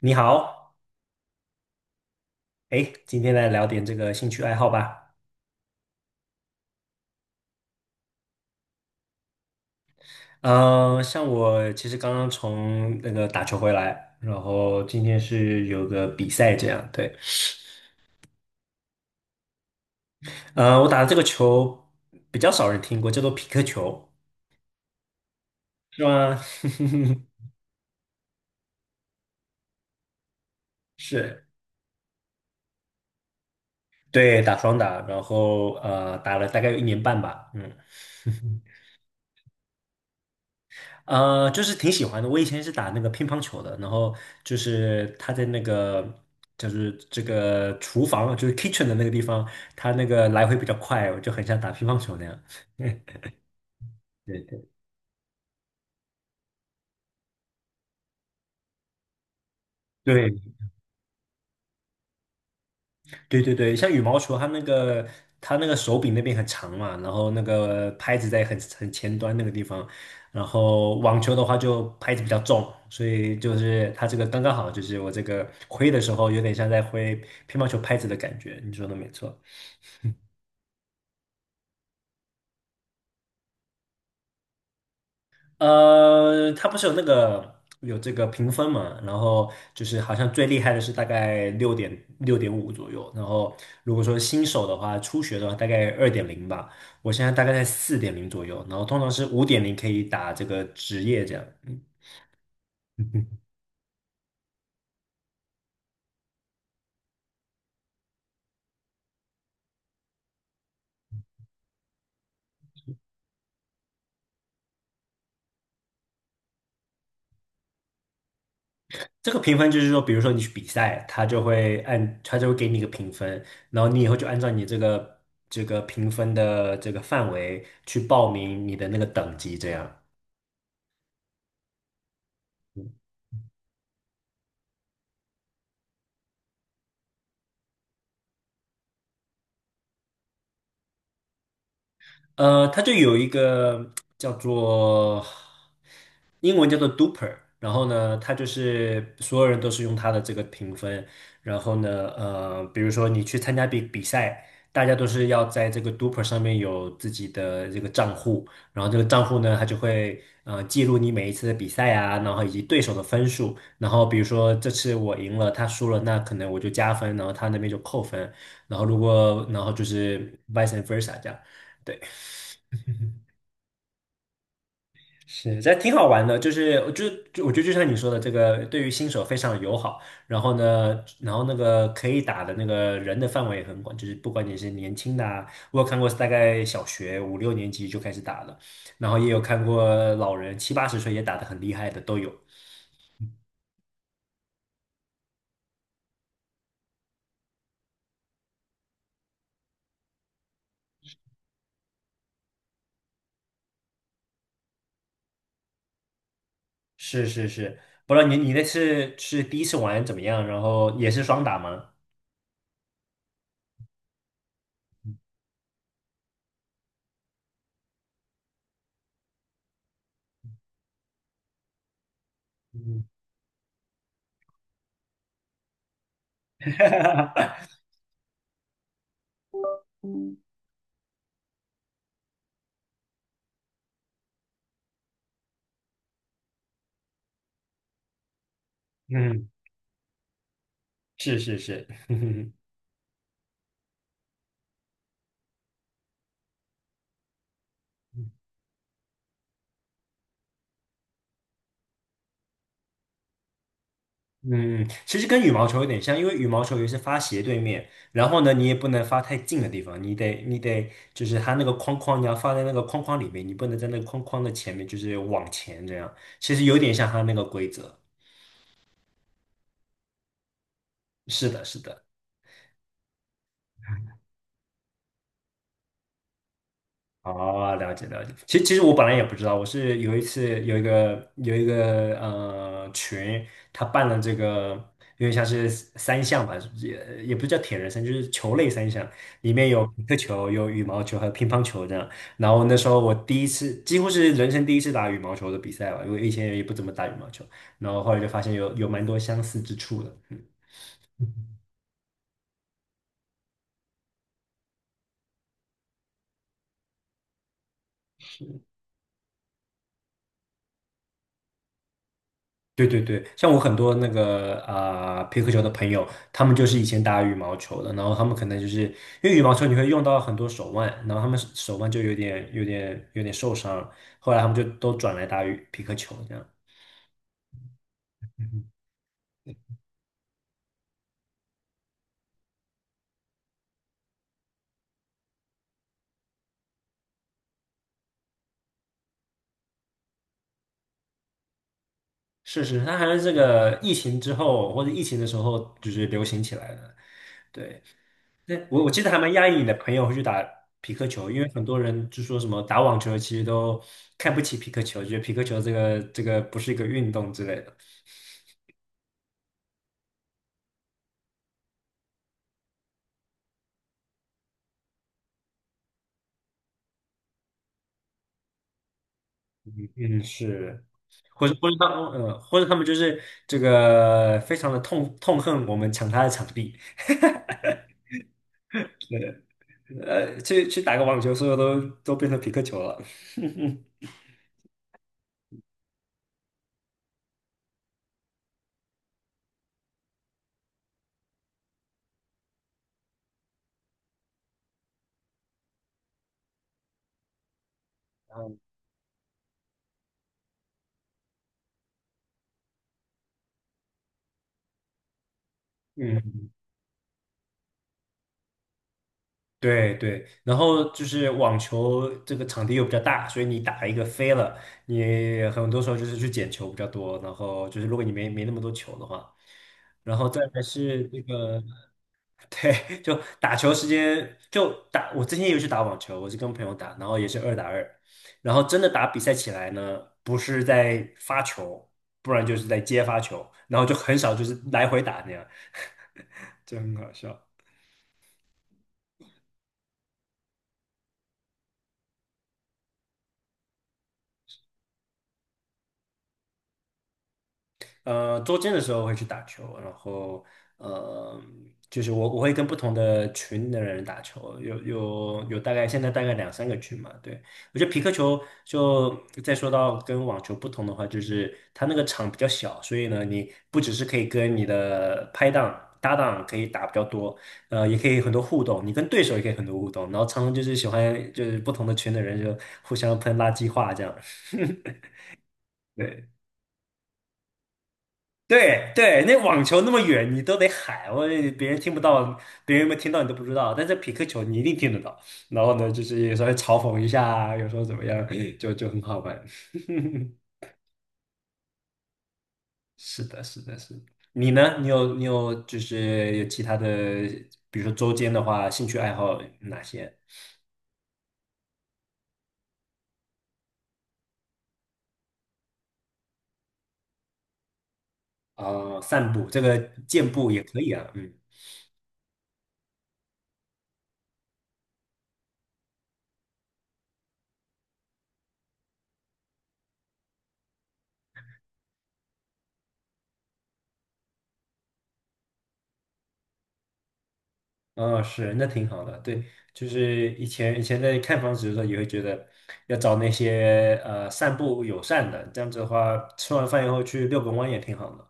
你好，哎，今天来聊点这个兴趣爱好吧。嗯、像我其实刚刚从那个打球回来，然后今天是有个比赛这样，对。我打的这个球比较少人听过，叫做匹克球，是吗？是，对，打双打，然后打了大概有1年半吧，嗯。就是挺喜欢的。我以前是打那个乒乓球的，然后就是他在那个就是这个厨房，就是 kitchen 的那个地方，他那个来回比较快，我就很像打乒乓球那样。对对对对对对，像羽毛球，它那个手柄那边很长嘛，然后那个拍子在很前端那个地方，然后网球的话就拍子比较重，所以就是它这个刚刚好，就是我这个挥的时候有点像在挥乒乓球拍子的感觉，你说的没错。它不是有这个评分嘛？然后就是好像最厉害的是大概6.5左右，然后如果说新手的话，初学的话大概2.0吧。我现在大概在4.0左右，然后通常是5.0可以打这个职业这样。嗯这个评分就是说，比如说你去比赛，他就会给你一个评分，然后你以后就按照你这个评分的这个范围去报名你的那个等级这样。它就有一个叫做英文叫做 Duper，然后呢，它就是所有人都是用它的这个评分，然后呢，比如说你去参加比赛，大家都是要在这个 Duper 上面有自己的这个账户，然后这个账户呢，它就会记录你每一次的比赛啊，然后以及对手的分数，然后比如说这次我赢了，他输了，那可能我就加分，然后他那边就扣分，然后就是 vice versa 这样。对。是，这挺好玩的，就我觉得就像你说的，这个对于新手非常友好。然后呢，那个可以打的那个人的范围也很广，就是不管你是年轻的啊，我有看过是大概小学五六年级就开始打了，然后也有看过老人七八十岁也打得很厉害的都有。是是是，不知道你那次是第一次玩怎么样？然后也是双打吗？嗯，嗯，是是是，嗯，其实跟羽毛球有点像，因为羽毛球也是发斜对面，然后呢，你也不能发太近的地方，你得就是它那个框框，你要放在那个框框里面，你不能在那个框框的前面，就是往前这样。其实有点像它那个规则。是的，是的。哦，了解了解。其实我本来也不知道，我是有一次有一个群，他办了这个因为像是三项吧，也不是叫铁人三项，就是球类三项，里面有皮克球、有羽毛球还有乒乓球这样。然后那时候我第一次，几乎是人生第一次打羽毛球的比赛吧，因为以前也不怎么打羽毛球，然后后来就发现有蛮多相似之处的。嗯对对对，像我很多那个啊、皮克球的朋友，他们就是以前打羽毛球的，然后他们可能就是因为羽毛球你会用到很多手腕，然后他们手腕就有点受伤，后来他们就都转来打羽皮克球这样。是是，它还是这个疫情之后或者疫情的时候就是流行起来的。对，那我记得还蛮讶异你的朋友会去打皮克球，因为很多人就说什么打网球其实都看不起皮克球，觉得皮克球这个不是一个运动之类的。嗯，是，或者他们就是这个非常的痛恨我们抢他的场地，呃去打个网球，所有都变成匹克球了。嗯，嗯对对，然后就是网球这个场地又比较大，所以你打一个飞了，你很多时候就是去捡球比较多，然后就是如果你没那么多球的话，然后再来是这个。对，就打球时间就打，我之前也有去打网球，我是跟朋友打，然后也是二打二，然后真的打比赛起来呢，不是在发球，不然就是在接发球，然后就很少就是来回打那样，就很好笑。周间的时候会去打球，然后呃，就是我会跟不同的群的人打球，有现在大概两三个群嘛。对，我觉得皮克球就再说到跟网球不同的话，就是它那个场比较小，所以呢，你不只是可以跟你的搭档可以打比较多，也可以很多互动，你跟对手也可以很多互动，然后常常就是喜欢就是不同的群的人就互相喷垃圾话这样，对。对对，那网球那么远，你都得喊，别人听不到，别人有没有听到你都不知道。但是匹克球你一定听得到。然后呢，就是有时候嘲讽一下啊，有时候怎么样，就很好玩。是的，是的，是的你呢？你有你有就是有其他的，比如说周间的话，兴趣爱好哪些？啊、散步，这个健步也可以啊。嗯。哦，是，那挺好的。对，就是以前在看房子的时候，也会觉得要找那些散步友善的，这样子的话，吃完饭以后去遛个弯也挺好的。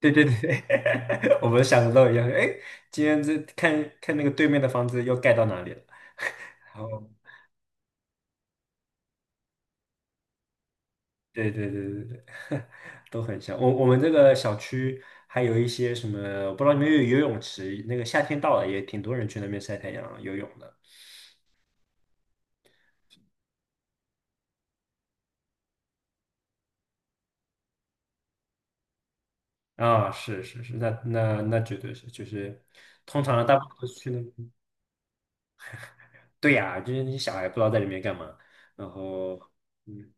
对对对，我们想的都一样。哎，今天这看看那个对面的房子又盖到哪里了？然后，对对对对对，都很像。我们这个小区还有一些什么，我不知道你们有游泳池，那个夏天到了也挺多人去那边晒太阳、游泳的。啊、是是是，那绝对是，就是通常的大部分都是去对呀、就是那些小孩不知道在里面干嘛，然后，嗯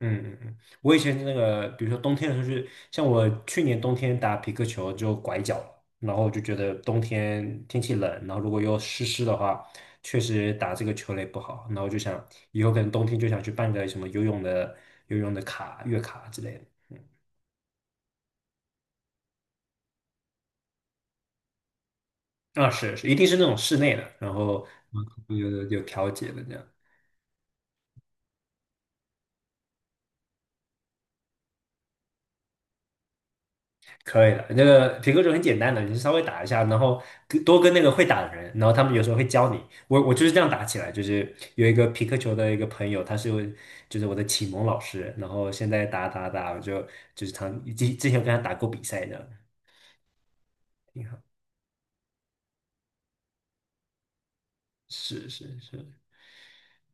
嗯，我以前那个，比如说冬天的时候是，像我去年冬天打皮克球就拐脚了，然后我就觉得冬天天气冷，然后如果又湿湿的话，确实打这个球类不好，然后我就想以后可能冬天就想去办个什么游泳的卡、月卡之类的，啊，是是，一定是那种室内的，然后有调节的这样。可以了，那个评克球很简单的，你就稍微打一下，然后多跟那个会打的人，然后他们有时候会教你。我就是这样打起来，就是有一个皮克球的一个朋友，他是我就是我的启蒙老师，然后现在打，就是常之前有跟他打过比赛的，挺好，是是是，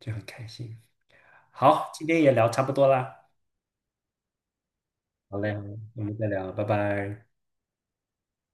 就很开心。好，今天也聊差不多啦，好嘞，好嘞我们再聊，拜拜。